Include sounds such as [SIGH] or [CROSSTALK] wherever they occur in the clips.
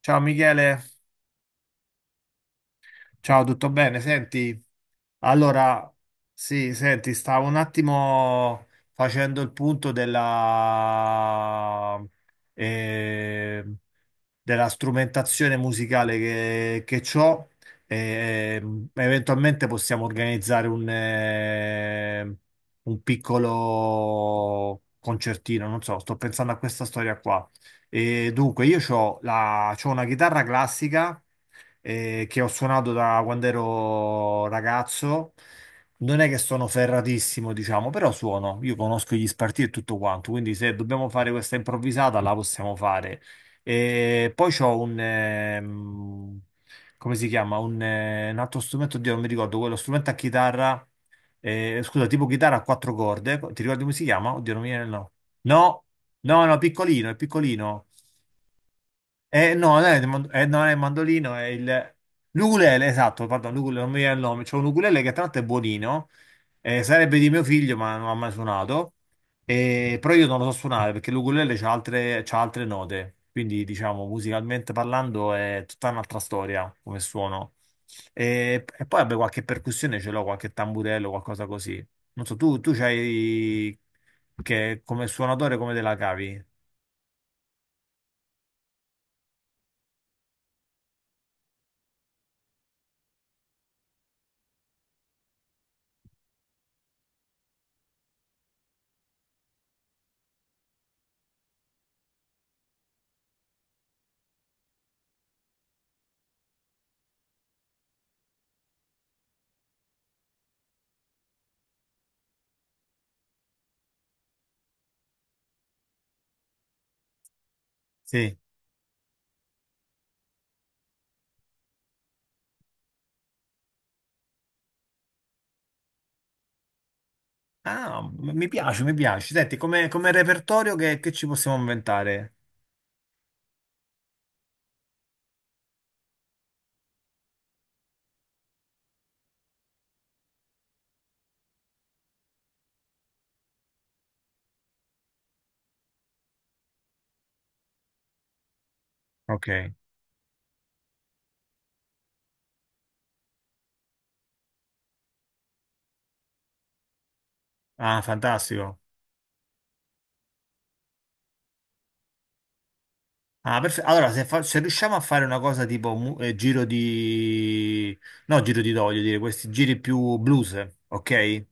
Ciao Michele, ciao, tutto bene? Senti, allora, sì, senti, stavo un attimo facendo il punto eh, della strumentazione musicale che c'ho. E, eventualmente possiamo organizzare un piccolo concertino, non so, sto pensando a questa storia qua. E dunque, io ho una chitarra classica che ho suonato da quando ero ragazzo. Non è che sono ferratissimo, diciamo, però suono. Io conosco gli spartiti e tutto quanto, quindi se dobbiamo fare questa improvvisata la possiamo fare. E poi c'ho come si chiama? Un altro strumento, oddio, non mi ricordo, quello strumento a chitarra, scusa, tipo chitarra a quattro corde. Ti ricordi come si chiama? Oddio, non mi viene il nome. No, no, no, piccolino, è piccolino. No, non è, non è il mandolino, è il... L'ukulele, esatto, pardon, l'ukulele, non mi viene il nome. C'è un ukulele che tra l'altro è buonino, sarebbe di mio figlio, ma non ha mai suonato. Però io non lo so suonare perché l'ukulele c'ha altre note, quindi diciamo musicalmente parlando è tutta un'altra storia come suono. E poi vabbè, qualche percussione ce l'ho, qualche tamburello, qualcosa così. Non so, tu c'hai che come suonatore come te la cavi? Sì. Ah, mi piace, mi piace. Senti, come repertorio che ci possiamo inventare? Ok. Ah, fantastico. Ah, allora, se riusciamo a fare una cosa tipo giro di... No, giro di do, voglio dire, questi giri più blues, ok?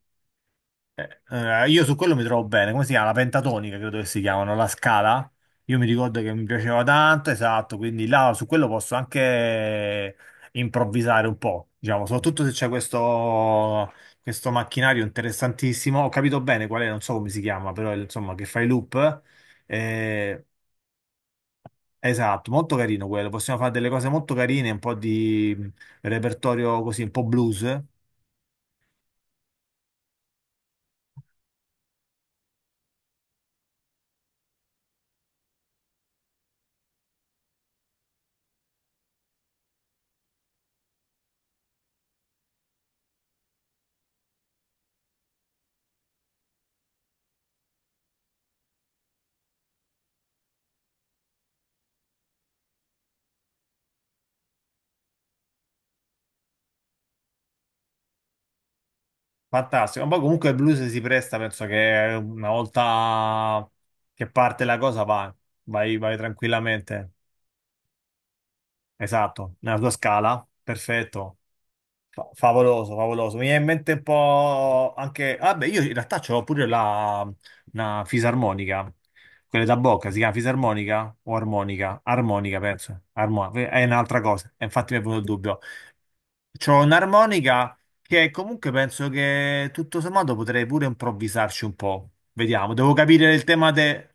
Allora, io su quello mi trovo bene. Come si chiama? La pentatonica, credo che si chiamano, la scala. Io mi ricordo che mi piaceva tanto, esatto, quindi là su quello posso anche improvvisare un po', diciamo, soprattutto se c'è questo macchinario interessantissimo. Ho capito bene qual è, non so come si chiama, però insomma, che fai loop. Eh, esatto, molto carino quello. Possiamo fare delle cose molto carine, un po' di repertorio così, un po' blues. Fantastico, ma poi comunque il blues si presta, penso che una volta che parte la cosa va, vai, vai tranquillamente. Esatto, nella tua scala, perfetto. Favoloso, favoloso. Mi viene in mente un po' anche... Vabbè, io in realtà c'ho pure una fisarmonica, quelle da bocca, si chiama fisarmonica o armonica? Armonica, penso. È un'altra cosa, e infatti mi è venuto il dubbio. C'ho un'armonica che comunque penso che tutto sommato potrei pure improvvisarci un po'. Vediamo, devo capire il tema de...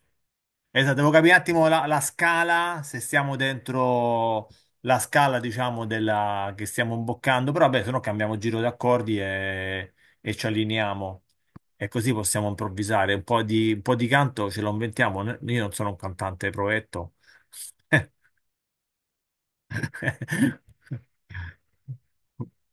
Esatto, devo capire un attimo la scala, se siamo dentro la scala, diciamo, della... che stiamo imboccando, però vabbè, se no cambiamo giro di accordi e ci allineiamo. E così possiamo improvvisare. Un po' di canto ce lo inventiamo. Io non sono un cantante provetto. [LAUGHS]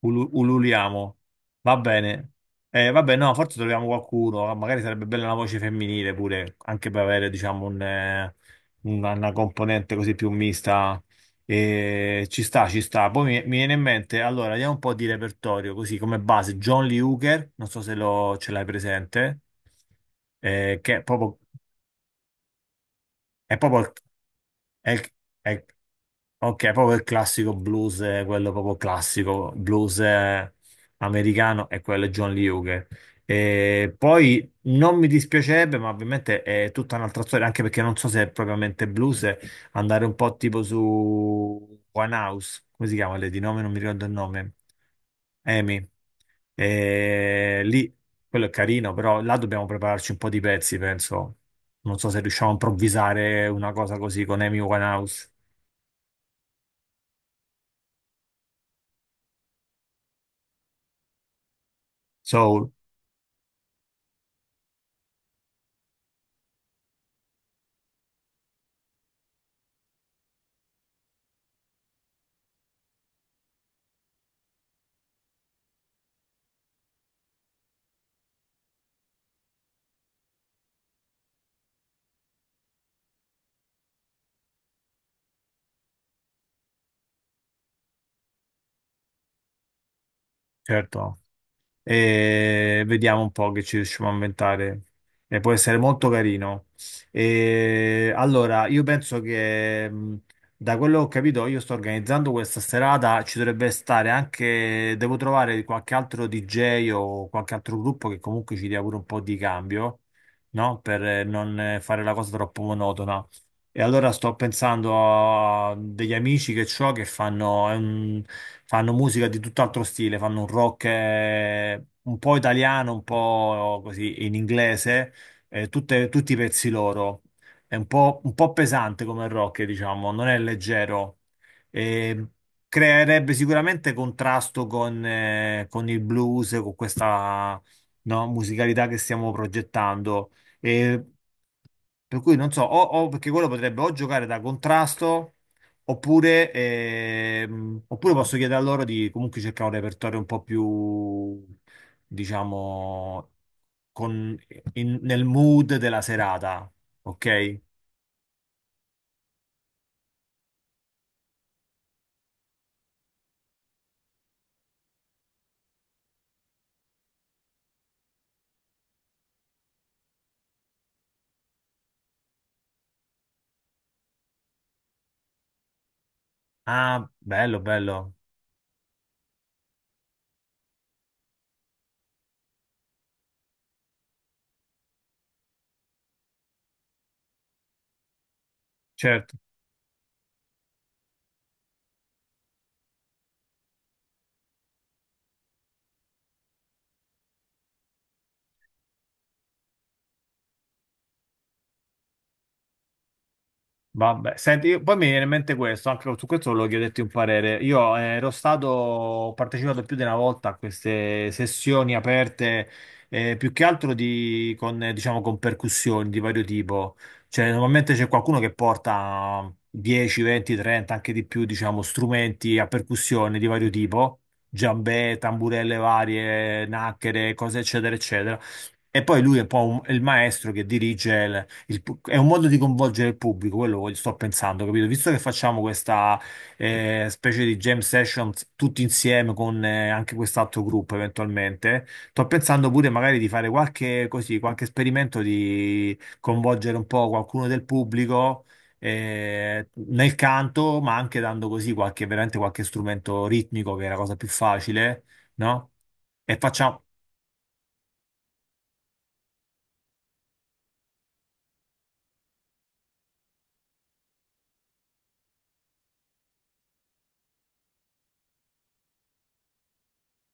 Ululiamo. Va bene. Vabbè, no, forse troviamo qualcuno. Ah, magari sarebbe bella una voce femminile pure, anche per avere, diciamo, una componente così più mista. Ci sta, ci sta. Poi mi viene in mente, allora, andiamo un po' di repertorio, così come base. John Lee Hooker, non so se lo, ce l'hai presente, che è proprio il, è il- è il ok, proprio il classico blues, quello proprio classico, blues, americano, e quello è John Lee Hooker. E poi non mi dispiacerebbe, ma ovviamente è tutta un'altra storia, anche perché non so se è propriamente blues, andare un po' tipo su One House, come si chiama lei di nome? Non mi ricordo il nome. Amy. E lì, quello è carino, però là dobbiamo prepararci un po' di pezzi, penso. Non so se riusciamo a improvvisare una cosa così con Amy Winehouse. Soul. Certo, e vediamo un po' che ci riusciamo a inventare. E può essere molto carino. E allora, io penso che da quello che ho capito, io sto organizzando questa serata, ci dovrebbe stare anche, devo trovare qualche altro DJ o qualche altro gruppo che comunque ci dia pure un po' di cambio, no? Per non fare la cosa troppo monotona. E allora sto pensando a degli amici che ho che fanno, fanno musica di tutt'altro stile, fanno un rock un po' italiano, un po' così in inglese, tutti i pezzi loro. È un po' pesante come rock, diciamo, non è leggero. E creerebbe sicuramente contrasto con il blues, con questa no, musicalità che stiamo progettando. Per cui non so, perché quello potrebbe o giocare da contrasto, oppure posso chiedere a loro di comunque cercare un repertorio un po' più, diciamo, con- nel mood della serata, ok? Ah, bello, bello, certo. Vabbè, senti, poi mi viene in mente questo, anche su questo volevo chiederti un parere. Io ero stato, ho partecipato più di una volta a queste sessioni aperte, più che altro diciamo, con percussioni di vario tipo. Cioè, normalmente c'è qualcuno che porta 10, 20, 30, anche di più, diciamo, strumenti a percussione di vario tipo, giambè, tamburelle varie, nacchere, cose eccetera, eccetera. E poi lui è un po' è il maestro che dirige è un modo di coinvolgere il pubblico, quello sto pensando, capito? Visto che facciamo questa specie di jam session tutti insieme con anche quest'altro gruppo eventualmente, sto pensando pure magari di fare qualche, così, qualche esperimento di coinvolgere un po' qualcuno del pubblico nel canto, ma anche dando così qualche, veramente qualche strumento ritmico, che è la cosa più facile, no? E facciamo,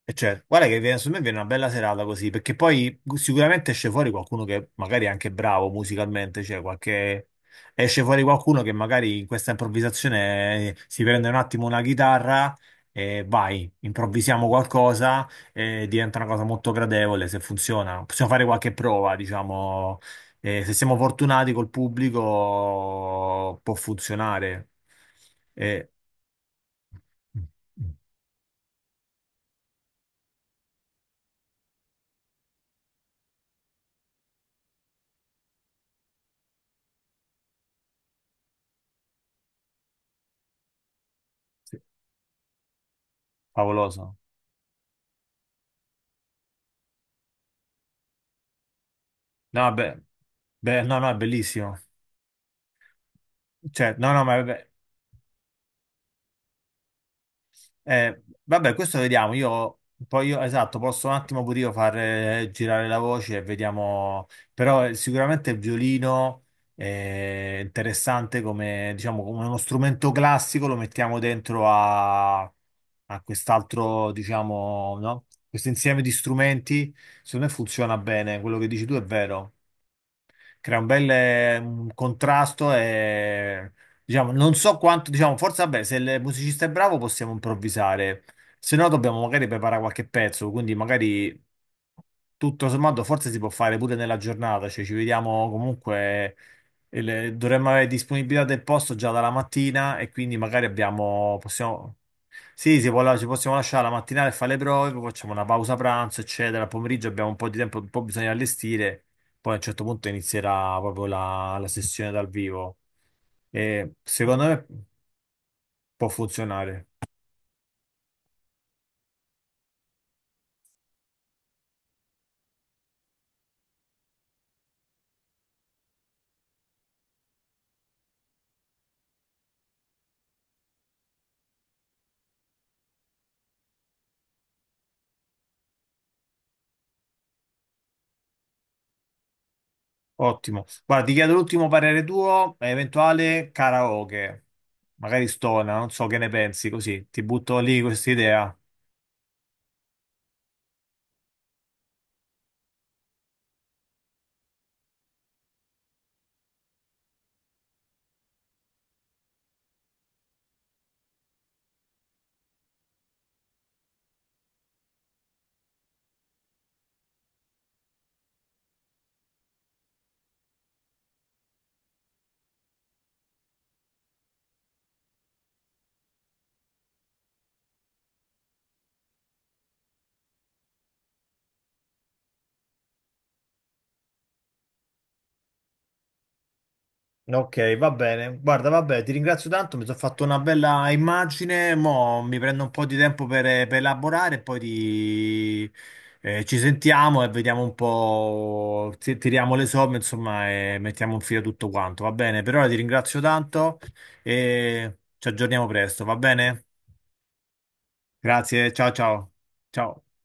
e certo, guarda che viene, su me viene una bella serata così, perché poi sicuramente esce fuori qualcuno che magari è anche bravo musicalmente, cioè qualche... esce fuori qualcuno che magari in questa improvvisazione si prende un attimo una chitarra e vai, improvvisiamo qualcosa e diventa una cosa molto gradevole se funziona. Possiamo fare qualche prova, diciamo, e se siamo fortunati col pubblico può funzionare. E... mm, mm, sì. Favoloso. No, beh, beh, no, no, è bellissimo. Cioè, no, no, ma vabbè, questo vediamo. Io poi io, esatto, posso un attimo pure io far girare la voce e vediamo. Però sicuramente il violino è interessante come, diciamo, come uno strumento classico, lo mettiamo dentro a quest'altro, diciamo, no? Questo insieme di strumenti, secondo me funziona bene. Quello che dici tu è vero. Crea un bel un contrasto e diciamo, non so quanto, diciamo, forse vabbè, se il musicista è bravo possiamo improvvisare, se no dobbiamo magari preparare qualche pezzo, quindi magari tutto sommato forse si può fare pure nella giornata, cioè ci vediamo comunque, dovremmo avere disponibilità del posto già dalla mattina e quindi magari abbiamo, possiamo, sì, si può ci possiamo lasciare la mattinata e fare le prove, poi facciamo una pausa pranzo, eccetera. Al pomeriggio abbiamo un po' di tempo, un po' bisogna allestire, poi a un certo punto inizierà proprio la sessione dal vivo. E secondo me può funzionare. Ottimo. Guarda, ti chiedo l'ultimo parere tuo, eventuale karaoke, magari stona, non so che ne pensi, così ti butto lì questa idea. Ok, va bene. Guarda, vabbè, ti ringrazio tanto, mi sono fatto una bella immagine, mo mi prendo un po' di tempo per elaborare, e poi ci sentiamo e vediamo un po', tiriamo le somme, insomma, e mettiamo in fila tutto quanto, va bene? Per ora ti ringrazio tanto e ci aggiorniamo presto, va bene? Grazie, ciao ciao. Ciao.